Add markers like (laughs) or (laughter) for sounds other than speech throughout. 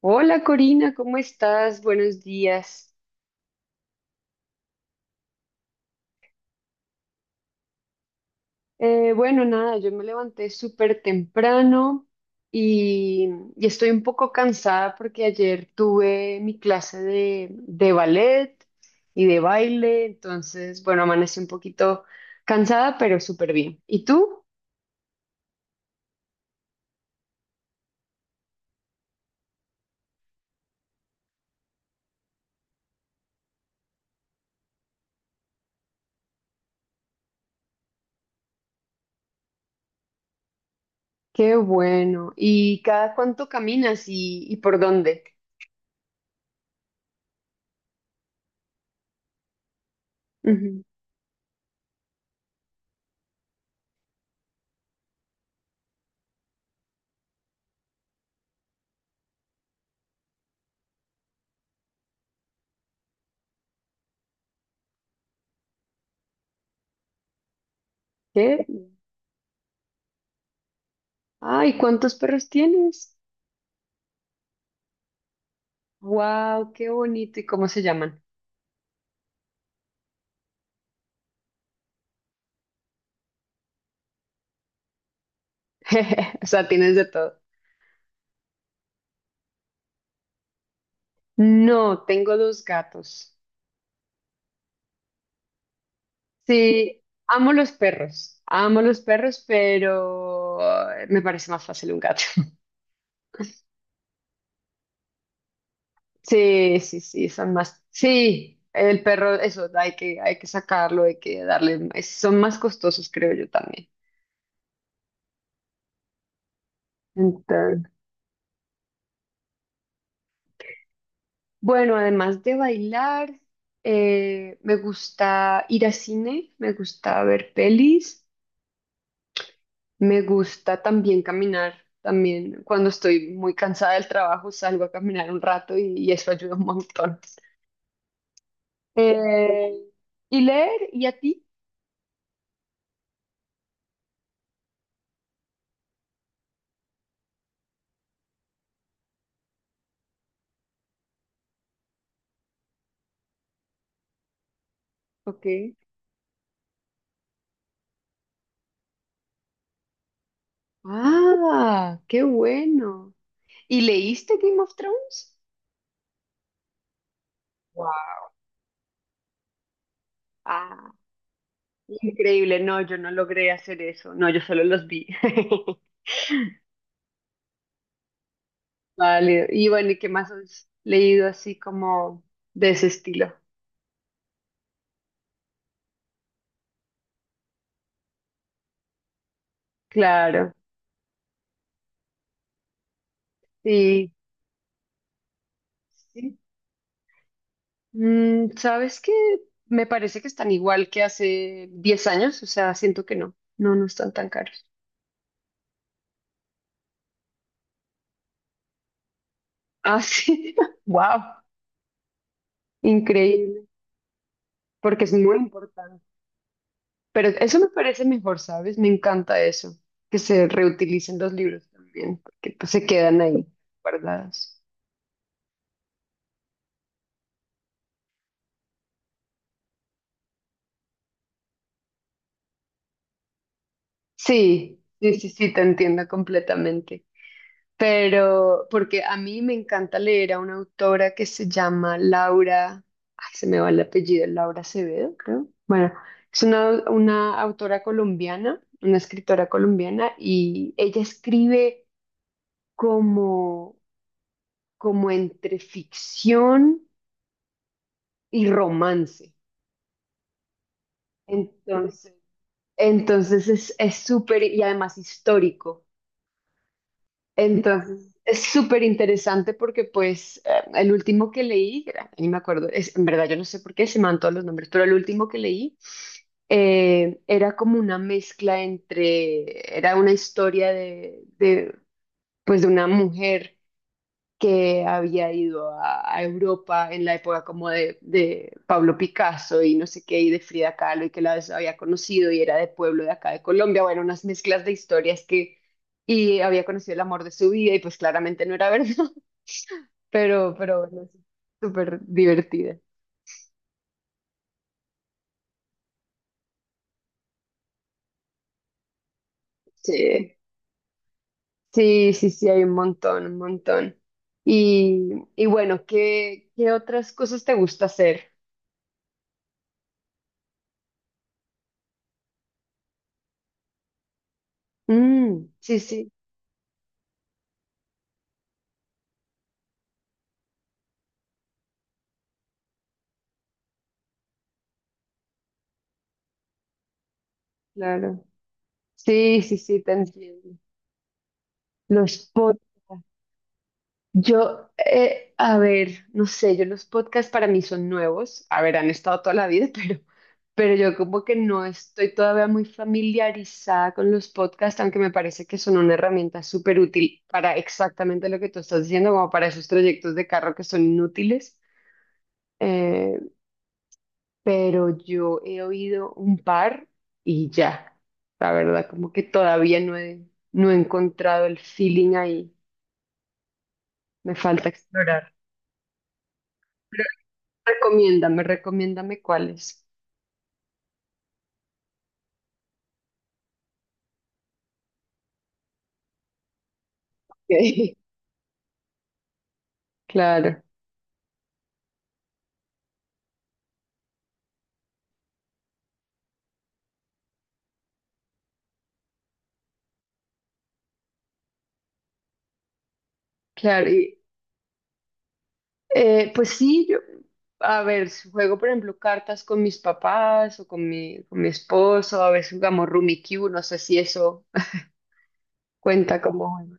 Hola Corina, ¿cómo estás? Buenos días. Bueno, nada, yo me levanté súper temprano y, y estoy un poco cansada porque ayer tuve mi clase de ballet y de baile, entonces, bueno, amanecí un poquito cansada, pero súper bien. ¿Y tú? Qué bueno. ¿Y cada cuánto caminas y por dónde? Ujú. ¿Qué? Ay, ¿cuántos perros tienes? ¡Wow! ¡Qué bonito! ¿Y cómo se llaman? (laughs) O sea, tienes de todo. No, tengo dos gatos. Sí, amo los perros, pero me parece más fácil un gato. (laughs) Sí, sí, sí, son más. Sí, el perro, eso, hay que sacarlo, hay que darle, son más costosos, creo yo también. Entonces, bueno, además de bailar, me gusta ir a cine, me gusta ver pelis. Me gusta también caminar, también cuando estoy muy cansada del trabajo salgo a caminar un rato y eso ayuda un montón. Eh, ¿Y leer? ¿Y a ti? Ok. Ah, qué bueno. ¿Y leíste Game of Thrones? Wow. Ah, increíble. No, yo no logré hacer eso. No, yo solo los vi. (laughs) Válido. Y bueno, ¿y qué más has leído así como de ese estilo? Claro. Sí. Sí. ¿Sabes qué? Me parece que están igual que hace 10 años, o sea, siento que no están tan caros. Ah, sí, (laughs) wow, increíble, porque es muy importante. Pero eso me parece mejor, ¿sabes? Me encanta eso, que se reutilicen los libros también, porque pues, se quedan ahí guardados. Sí, sí, sí, sí, te entiendo completamente. Pero porque a mí me encanta leer a una autora que se llama Laura, ay, se me va el apellido, Laura Acevedo, creo. Bueno, es una autora colombiana, una escritora colombiana, y ella escribe como, como entre ficción y romance. Entonces, entonces es súper, y además histórico. Entonces, es súper interesante porque pues el último que leí, ni me acuerdo, es, en verdad yo no sé por qué se me van todos los nombres, pero el último que leí era como una mezcla entre, era una historia pues de una mujer que había ido a Europa en la época como de Pablo Picasso y no sé qué, y de Frida Kahlo, y que la había conocido y era de pueblo de acá de Colombia, bueno, unas mezclas de historias que, y había conocido el amor de su vida y pues claramente no era verdad, (laughs) pero bueno, es súper divertida. Sí, sí, sí, sí, hay un montón, un montón. Y, y bueno, ¿qué, qué otras cosas te gusta hacer? Mm, sí, sí, claro. Sí, sí, sí, te entiendo. Los pod, yo, a ver, no sé, yo los podcasts para mí son nuevos, a ver, han estado toda la vida, (laughs) pero yo como que no estoy todavía muy familiarizada con los podcasts, aunque me parece que son una herramienta súper útil para exactamente lo que tú estás diciendo, como para esos trayectos de carro que son inútiles. Eh, pero yo he oído un par y ya, la verdad, como que todavía no he encontrado el feeling ahí, me falta explorar. Recomiéndame, recomiéndame cuáles. Ok. (laughs) Claro, claro. Y, pues sí, yo, a ver, si juego, por ejemplo, cartas con mis papás o con mi esposo, a veces jugamos Rummikub, no sé si eso cuenta como juego.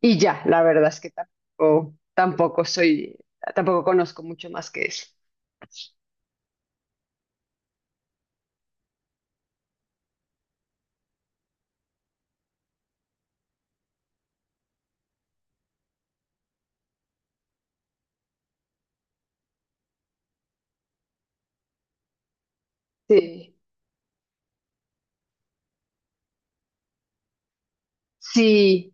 Y ya, la verdad es que tampoco conozco mucho más que eso. Sí, sí,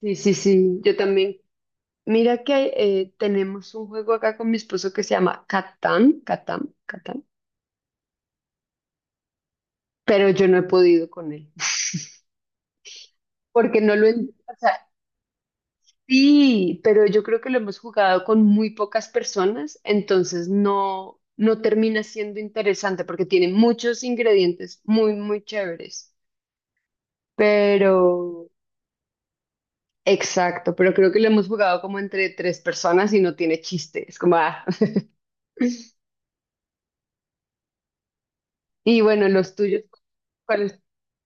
sí, sí, sí. Yo también. Mira que tenemos un juego acá con mi esposo que se llama Catán, Catán, Catán. Pero yo no he podido con él, porque no lo, en- o sea, sí, pero yo creo que lo hemos jugado con muy pocas personas, entonces no termina siendo interesante porque tiene muchos ingredientes muy, muy chéveres, pero exacto, pero creo que lo hemos jugado como entre tres personas y no tiene chiste, es como, ah. (laughs) Y bueno, los tuyos, ¿cuál es?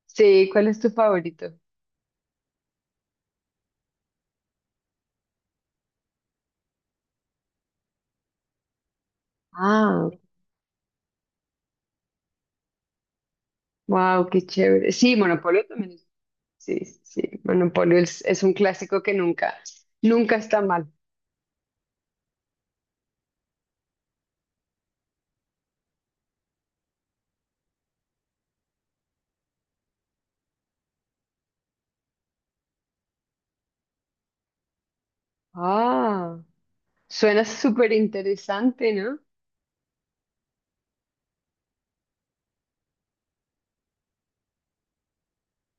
Sí, ¿cuál es tu favorito? Ah, wow, qué chévere. Sí, Monopoly también. Sí, sí, sí. Monopoly es un clásico que nunca, nunca está mal. Ah, suena súper interesante, ¿no?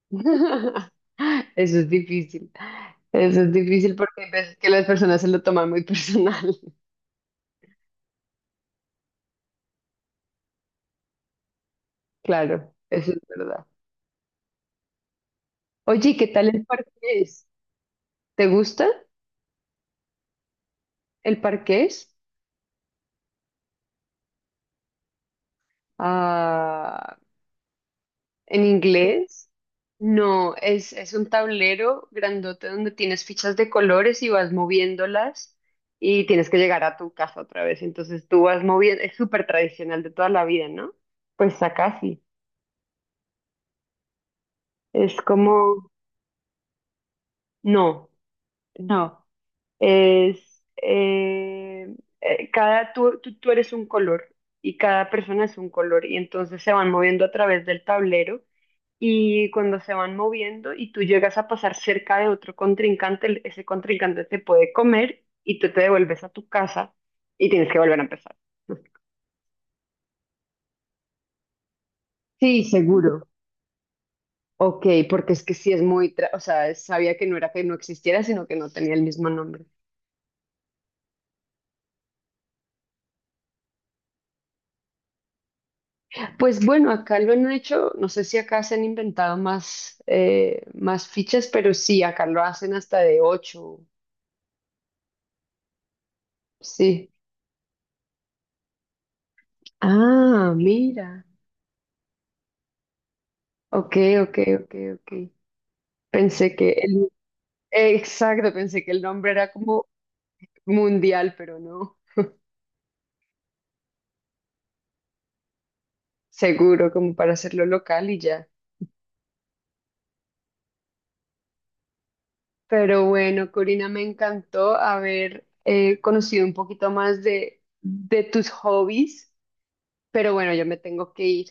(laughs) Eso es difícil. Eso es difícil porque hay veces que las personas se lo toman muy personal. (laughs) Claro, eso es verdad. Oye, ¿y qué tal el parqués? ¿Te gusta el parqués? Ah, ¿en inglés? No, es un tablero grandote donde tienes fichas de colores y vas moviéndolas y tienes que llegar a tu casa otra vez. Entonces tú vas moviendo, es súper tradicional de toda la vida, ¿no? Pues acá sí. Es como, no, no. Es, cada, tú eres un color y cada persona es un color y entonces se van moviendo a través del tablero y cuando se van moviendo y tú llegas a pasar cerca de otro contrincante, ese contrincante te puede comer y tú te devuelves a tu casa y tienes que volver a empezar. Sí, seguro. Ok, porque es que sí es o sea, sabía que no era que no existiera, sino que no tenía el mismo nombre. Pues bueno, acá lo han hecho, no sé si acá se han inventado más, más fichas, pero sí, acá lo hacen hasta de ocho. Sí. Ah, mira. Ok, ok, ok, ok. Pensé que el Exacto, pensé que el nombre era como mundial, pero no, seguro, como para hacerlo local y ya. Pero bueno, Corina, me encantó haber conocido un poquito más de tus hobbies, pero bueno, yo me tengo que ir.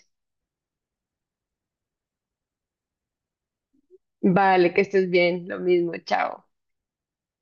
Vale, que estés bien, lo mismo, chao.